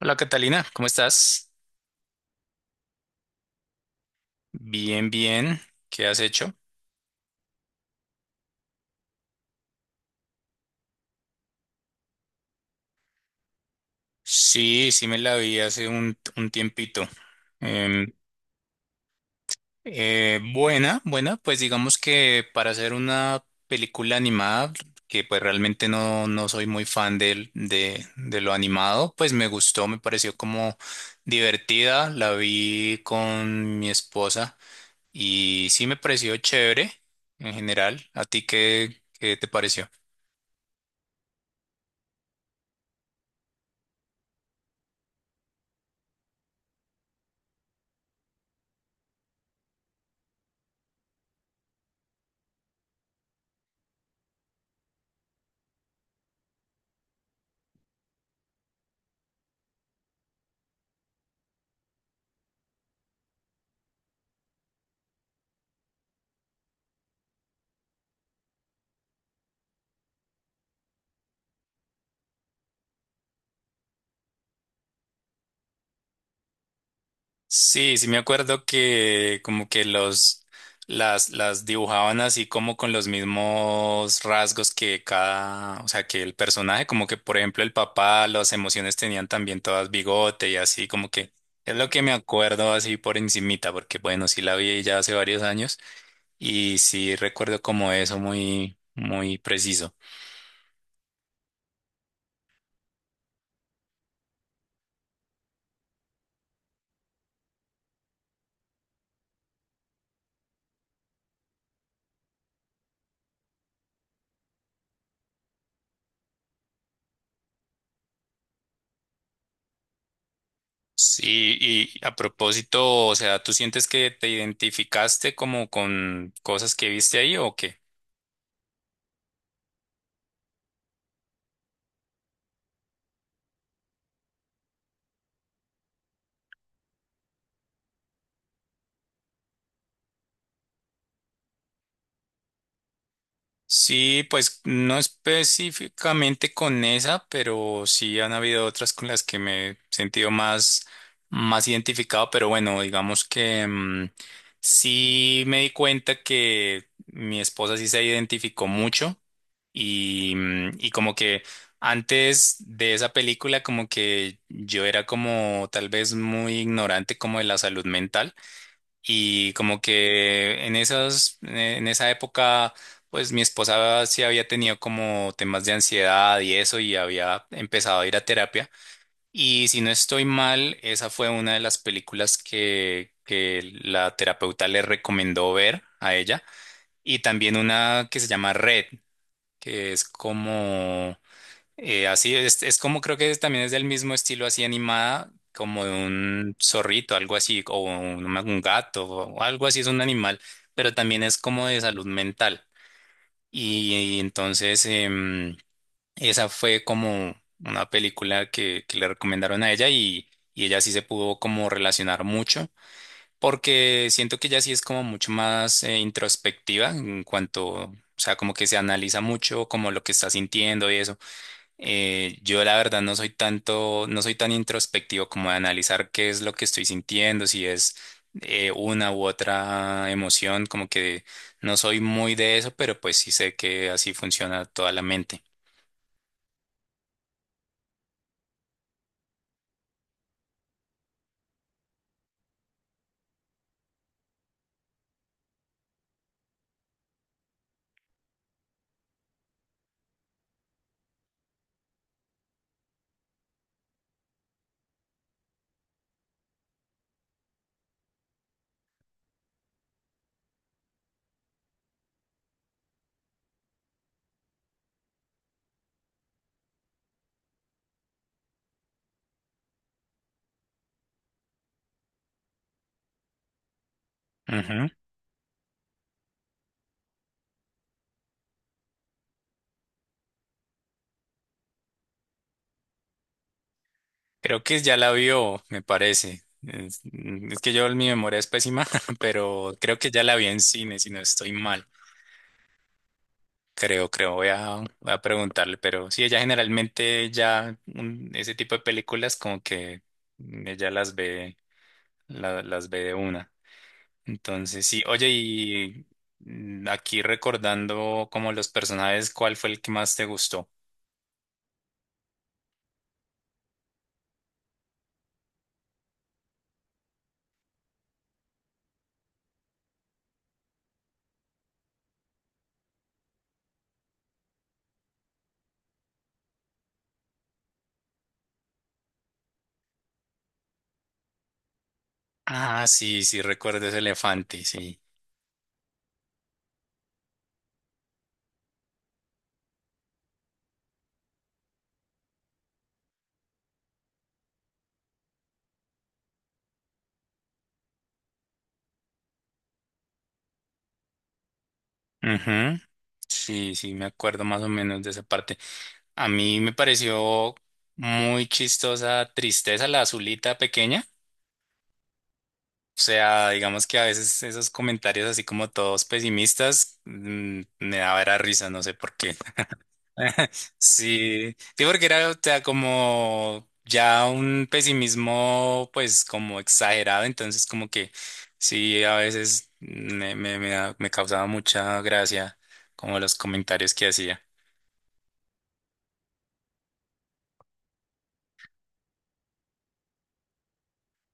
Hola Catalina, ¿cómo estás? Bien, bien. ¿Qué has hecho? Sí, sí me la vi hace un tiempito. Em, Buena, buena, pues digamos que para hacer una película animada, que pues realmente no soy muy fan de lo animado, pues me gustó, me pareció como divertida, la vi con mi esposa y sí me pareció chévere en general. ¿A ti qué te pareció? Sí, sí me acuerdo que como que los las dibujaban así como con los mismos rasgos que cada, o sea, que el personaje, como que por ejemplo el papá, las emociones tenían también todas bigote y así como que es lo que me acuerdo así por encimita, porque bueno, sí la vi ya hace varios años y sí recuerdo como eso muy muy preciso. Sí, y a propósito, o sea, ¿tú sientes que te identificaste como con cosas que viste ahí o qué? Sí, pues no específicamente con esa, pero sí han habido otras con las que me he sentido más, más identificado, pero bueno, digamos que sí me di cuenta que mi esposa sí se identificó mucho y, y como que antes de esa película como que yo era como tal vez muy ignorante como de la salud mental. Y como que en esa época, pues mi esposa sí había tenido como temas de ansiedad y eso, y había empezado a ir a terapia. Y si no estoy mal, esa fue una de las películas que la terapeuta le recomendó ver a ella. Y también una que se llama Red, que es como así es como creo que también es del mismo estilo así animada, como de un zorrito, algo así, o un gato, o algo así, es un animal, pero también es como de salud mental. Y entonces esa fue como una película que le recomendaron a ella y ella sí se pudo como relacionar mucho, porque siento que ella sí es como mucho más introspectiva en cuanto, o sea, como que se analiza mucho como lo que está sintiendo y eso. Yo la verdad no soy tanto, no soy tan introspectivo como de analizar qué es lo que estoy sintiendo, si es una u otra emoción, como que no soy muy de eso, pero pues sí sé que así funciona toda la mente. Ujú. Creo que ya la vio, me parece. Es que yo mi memoria es pésima, pero creo que ya la vi en cine, si no estoy mal. Creo, creo, voy a preguntarle, pero sí, ella generalmente ya ese tipo de películas como que ella las ve, las ve de una. Entonces, sí, oye, y aquí recordando como los personajes, ¿cuál fue el que más te gustó? Ah, sí, sí, recuerdo ese elefante, sí. Ujú. Sí, sí, me acuerdo más o menos de esa parte. A mí me pareció muy chistosa, tristeza, la azulita pequeña. O sea, digamos que a veces esos comentarios así como todos pesimistas me daba era risa, no sé por qué. Sí, sí, porque era, o sea, como ya un pesimismo pues como exagerado, entonces como que sí, a veces me causaba mucha gracia como los comentarios que hacía.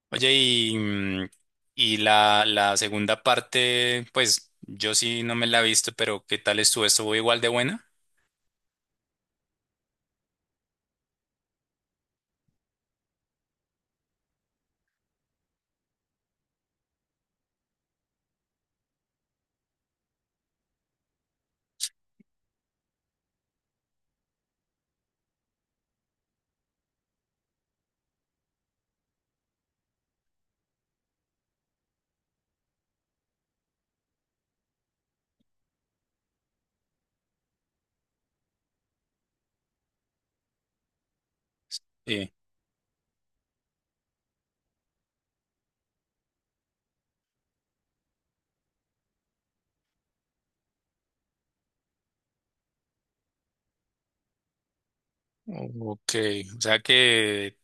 Oye, y, y la segunda parte, pues yo sí no me la he visto, pero ¿qué tal estuvo? ¿Estuvo igual de buena? Sí. Ok, o sea que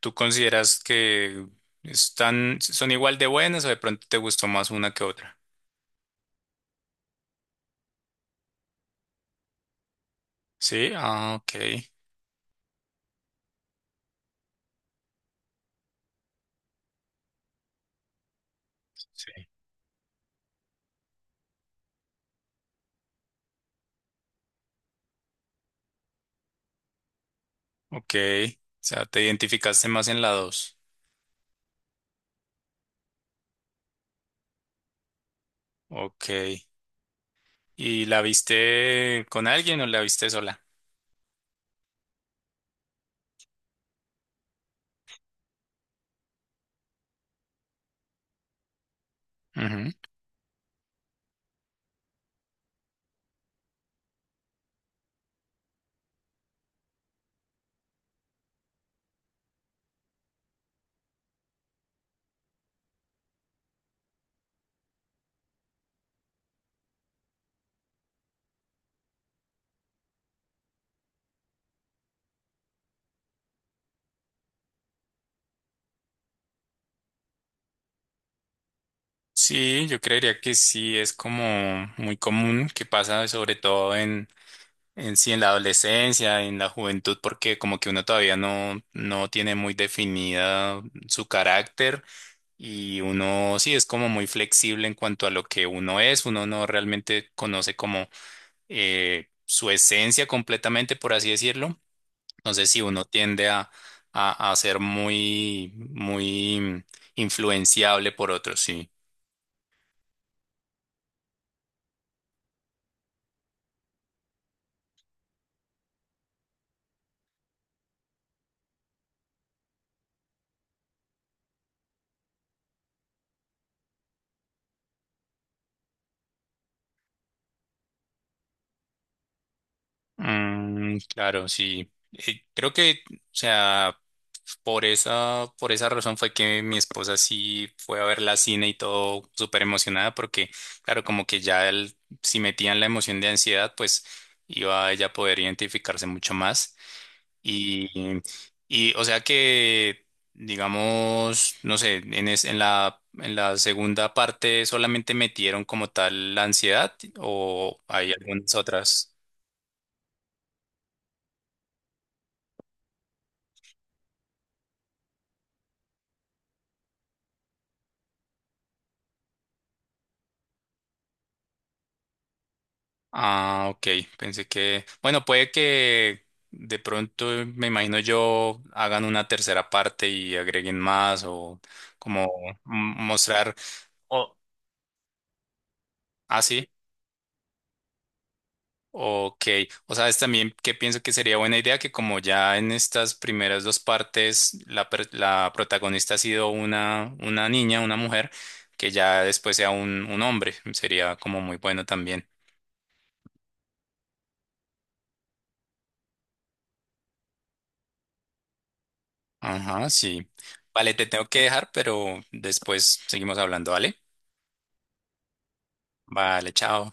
tú consideras que están, son igual de buenas o de pronto te gustó más una que otra. Sí, ah, ok. Sí. Ok, o sea, te identificaste más en la dos. Ok, ¿y la viste con alguien o la viste sola? Ujú. Sí, yo creería que sí, es como muy común que pasa sobre todo en sí, en la adolescencia, en la juventud, porque como que uno todavía no, no tiene muy definida su carácter y uno sí es como muy flexible en cuanto a lo que uno es, uno no realmente conoce como su esencia completamente, por así decirlo. Entonces, sí, uno tiende a ser muy influenciable por otros, sí. Mm, claro, sí. Creo que, o sea, por esa razón fue que mi esposa sí fue a ver la cine y todo súper emocionada, porque, claro, como que ya si metían la emoción de ansiedad, pues iba a ella a poder identificarse mucho más. Y, y o sea que, digamos, no sé, en la segunda parte solamente metieron como tal la ansiedad o hay algunas otras. Ah, ok. Pensé que, bueno, puede que de pronto, me imagino yo, hagan una tercera parte y agreguen más o como mostrar. O, ah, sí. Ok. O sabes también que pienso que sería buena idea que como ya en estas primeras dos partes la protagonista ha sido una niña, una mujer, que ya después sea un hombre. Sería como muy bueno también. Ajá, sí. Vale, te tengo que dejar, pero después seguimos hablando, ¿vale? Vale, chao.